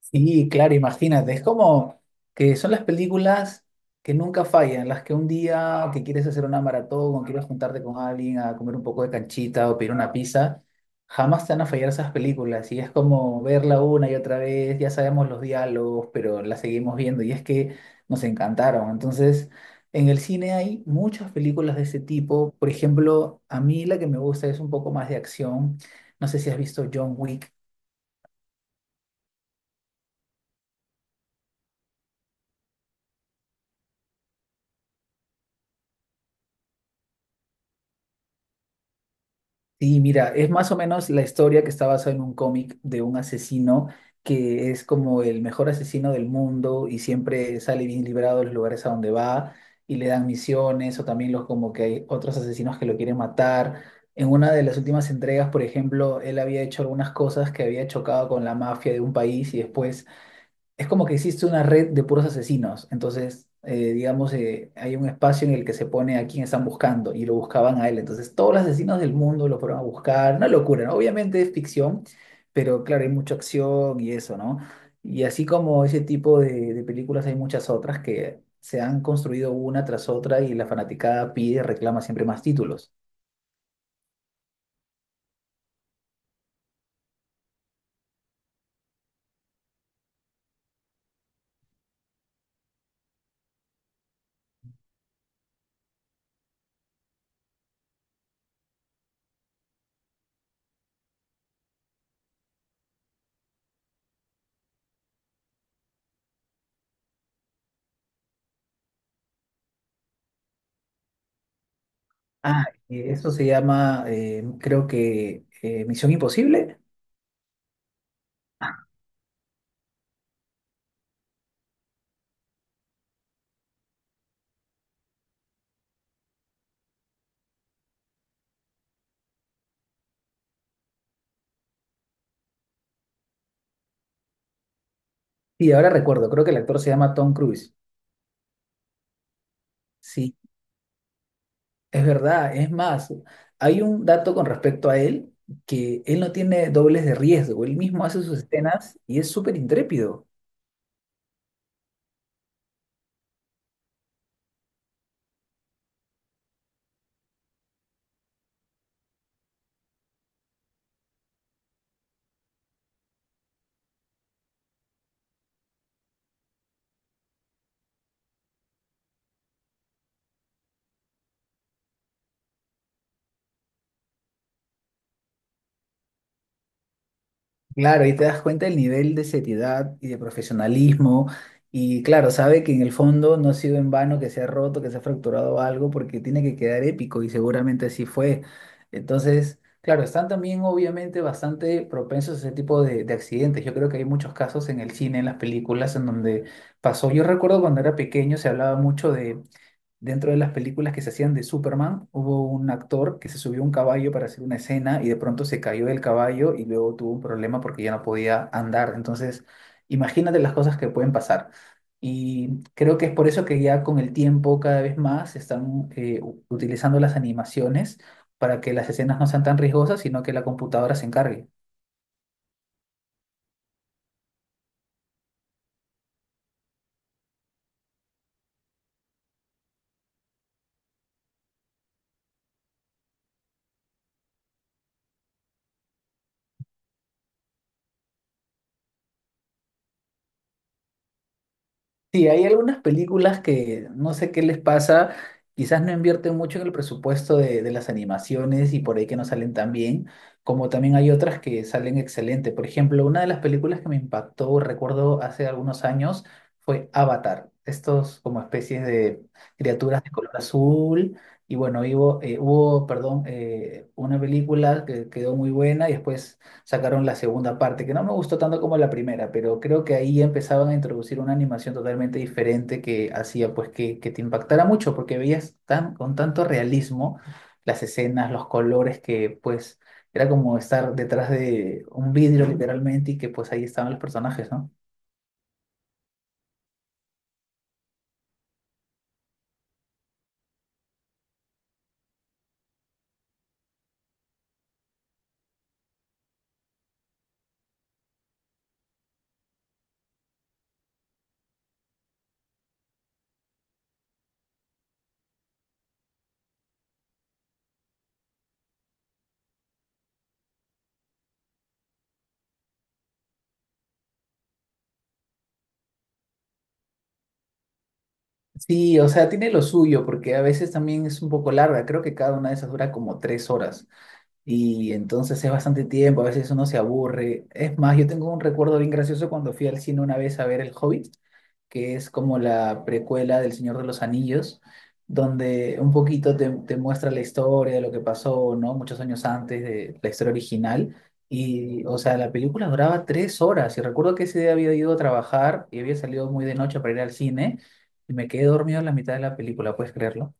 Sí, claro, imagínate, es como que son las películas que nunca fallan, las que un día que quieres hacer una maratón o quieres juntarte con alguien a comer un poco de canchita o pedir una pizza, jamás te van a fallar esas películas y es como verla una y otra vez, ya sabemos los diálogos, pero la seguimos viendo y es que nos encantaron. Entonces, en el cine hay muchas películas de ese tipo, por ejemplo, a mí la que me gusta es un poco más de acción, no sé si has visto John Wick. Sí, mira, es más o menos la historia que está basada en un cómic de un asesino que es como el mejor asesino del mundo y siempre sale bien librado de los lugares a donde va y le dan misiones o también los como que hay otros asesinos que lo quieren matar. En una de las últimas entregas, por ejemplo, él había hecho algunas cosas que había chocado con la mafia de un país y después es como que existe una red de puros asesinos. Entonces, digamos, hay un espacio en el que se pone a quién están buscando y lo buscaban a él. Entonces, todos los asesinos del mundo lo fueron a buscar. Una locura, ¿no? Obviamente es ficción, pero claro, hay mucha acción y eso, ¿no? Y así como ese tipo de películas, hay muchas otras que se han construido una tras otra y la fanaticada pide, reclama siempre más títulos. Ah, y eso se llama, creo que, Misión Imposible. Ah, sí, ahora recuerdo, creo que el actor se llama Tom Cruise. Sí, es verdad. Es más, hay un dato con respecto a él, que él no tiene dobles de riesgo. Él mismo hace sus escenas y es súper intrépido. Claro, y te das cuenta del nivel de seriedad y de profesionalismo. Y claro, sabe que en el fondo no ha sido en vano que se ha roto, que se ha fracturado algo, porque tiene que quedar épico y seguramente así fue. Entonces, claro, están también obviamente bastante propensos a ese tipo de accidentes. Yo creo que hay muchos casos en el cine, en las películas, en donde pasó. Yo recuerdo cuando era pequeño se hablaba mucho de dentro de las películas que se hacían de Superman, hubo un actor que se subió a un caballo para hacer una escena y de pronto se cayó del caballo y luego tuvo un problema porque ya no podía andar. Entonces, imagínate las cosas que pueden pasar. Y creo que es por eso que ya con el tiempo cada vez más se están utilizando las animaciones para que las escenas no sean tan riesgosas, sino que la computadora se encargue. Sí, hay algunas películas que no sé qué les pasa, quizás no invierten mucho en el presupuesto de las animaciones y por ahí que no salen tan bien, como también hay otras que salen excelente. Por ejemplo, una de las películas que me impactó, recuerdo hace algunos años, fue Avatar. Estos como especies de criaturas de color azul. Y bueno, hubo una película que quedó muy buena y después sacaron la segunda parte, que no me gustó tanto como la primera, pero creo que ahí empezaban a introducir una animación totalmente diferente que hacía pues que te impactara mucho, porque veías tan, con tanto realismo las escenas, los colores, que pues era como estar detrás de un vidrio literalmente y que pues ahí estaban los personajes, ¿no? Sí, o sea, tiene lo suyo, porque a veces también es un poco larga, creo que cada una de esas dura como 3 horas. Y entonces es bastante tiempo, a veces uno se aburre. Es más, yo tengo un recuerdo bien gracioso cuando fui al cine una vez a ver El Hobbit, que es como la precuela del Señor de los Anillos, donde un poquito te muestra la historia de lo que pasó, ¿no? Muchos años antes de la historia original. Y, o sea, la película duraba 3 horas. Y recuerdo que ese día había ido a trabajar y había salido muy de noche para ir al cine y me quedé dormido en la mitad de la película, ¿puedes creerlo?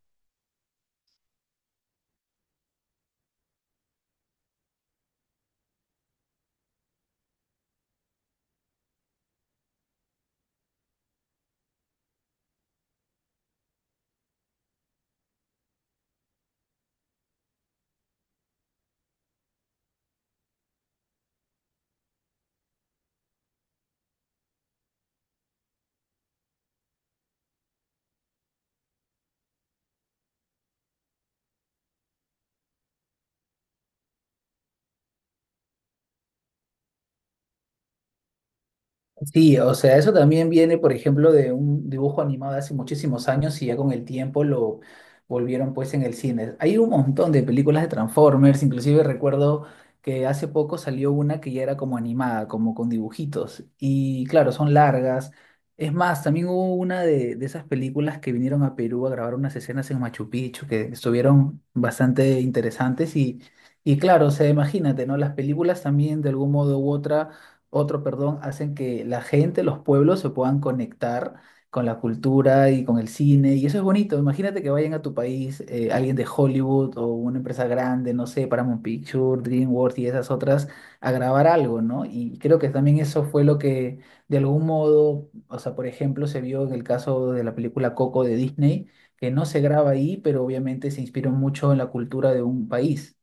Sí, o sea, eso también viene, por ejemplo, de un dibujo animado de hace muchísimos años y ya con el tiempo lo volvieron pues en el cine. Hay un montón de películas de Transformers, inclusive recuerdo que hace poco salió una que ya era como animada, como con dibujitos. Y claro, son largas. Es más, también hubo una de esas películas que vinieron a Perú a grabar unas escenas en Machu Picchu que estuvieron bastante interesantes y claro, o sea, imagínate, ¿no? Las películas también de algún modo u otra otro, perdón, hacen que la gente, los pueblos se puedan conectar con la cultura y con el cine, y eso es bonito. Imagínate que vayan a tu país alguien de Hollywood o una empresa grande, no sé, Paramount Pictures, DreamWorks y esas otras, a grabar algo, ¿no? Y creo que también eso fue lo que, de algún modo, o sea, por ejemplo, se vio en el caso de la película Coco de Disney, que no se graba ahí, pero obviamente se inspiró mucho en la cultura de un país.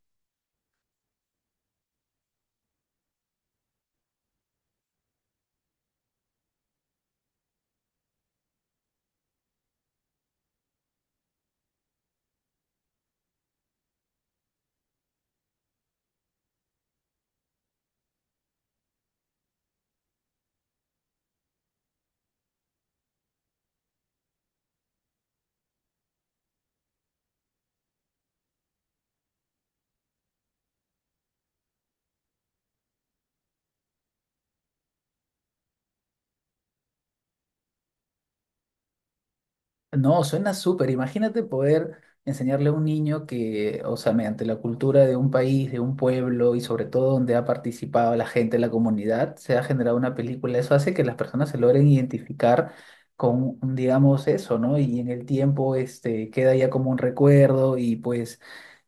No, suena súper. Imagínate poder enseñarle a un niño que, o sea, mediante la cultura de un país, de un pueblo y sobre todo donde ha participado la gente, la comunidad, se ha generado una película. Eso hace que las personas se logren identificar con, digamos, eso, ¿no? Y en el tiempo, este, queda ya como un recuerdo y pues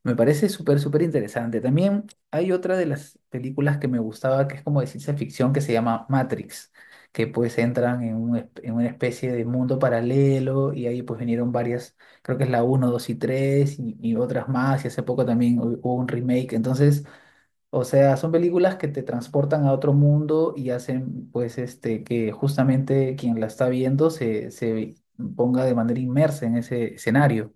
me parece súper, súper interesante. También hay otra de las películas que me gustaba que es como de ciencia ficción que se llama Matrix que pues entran en, en una especie de mundo paralelo y ahí pues vinieron varias, creo que es la uno 2 y 3 y otras más y hace poco también hubo un remake, entonces, o sea, son películas que te transportan a otro mundo y hacen pues este que justamente quien la está viendo se, se ponga de manera inmersa en ese escenario.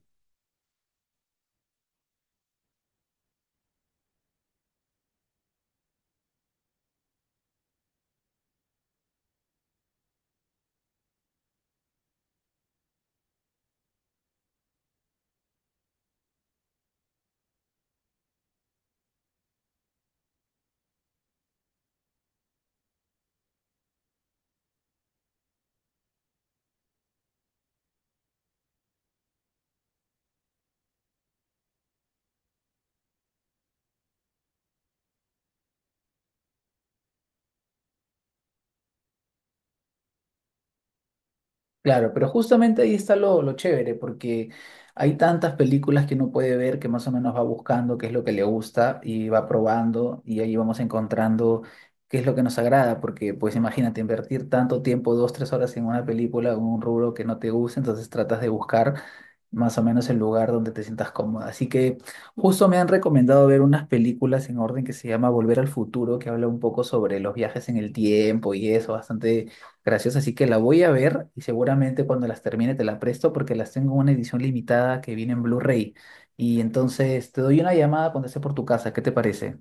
Claro, pero justamente ahí está lo chévere, porque hay tantas películas que uno puede ver que más o menos va buscando qué es lo que le gusta y va probando y ahí vamos encontrando qué es lo que nos agrada, porque pues imagínate invertir tanto tiempo, 2, 3 horas en una película o en un rubro que no te gusta, entonces tratas de buscar más o menos el lugar donde te sientas cómoda. Así que justo me han recomendado ver unas películas en orden que se llama Volver al Futuro, que habla un poco sobre los viajes en el tiempo y eso, bastante gracioso. Así que la voy a ver y seguramente cuando las termine te la presto porque las tengo en una edición limitada que viene en Blu-ray. Y entonces te doy una llamada cuando esté por tu casa. ¿Qué te parece?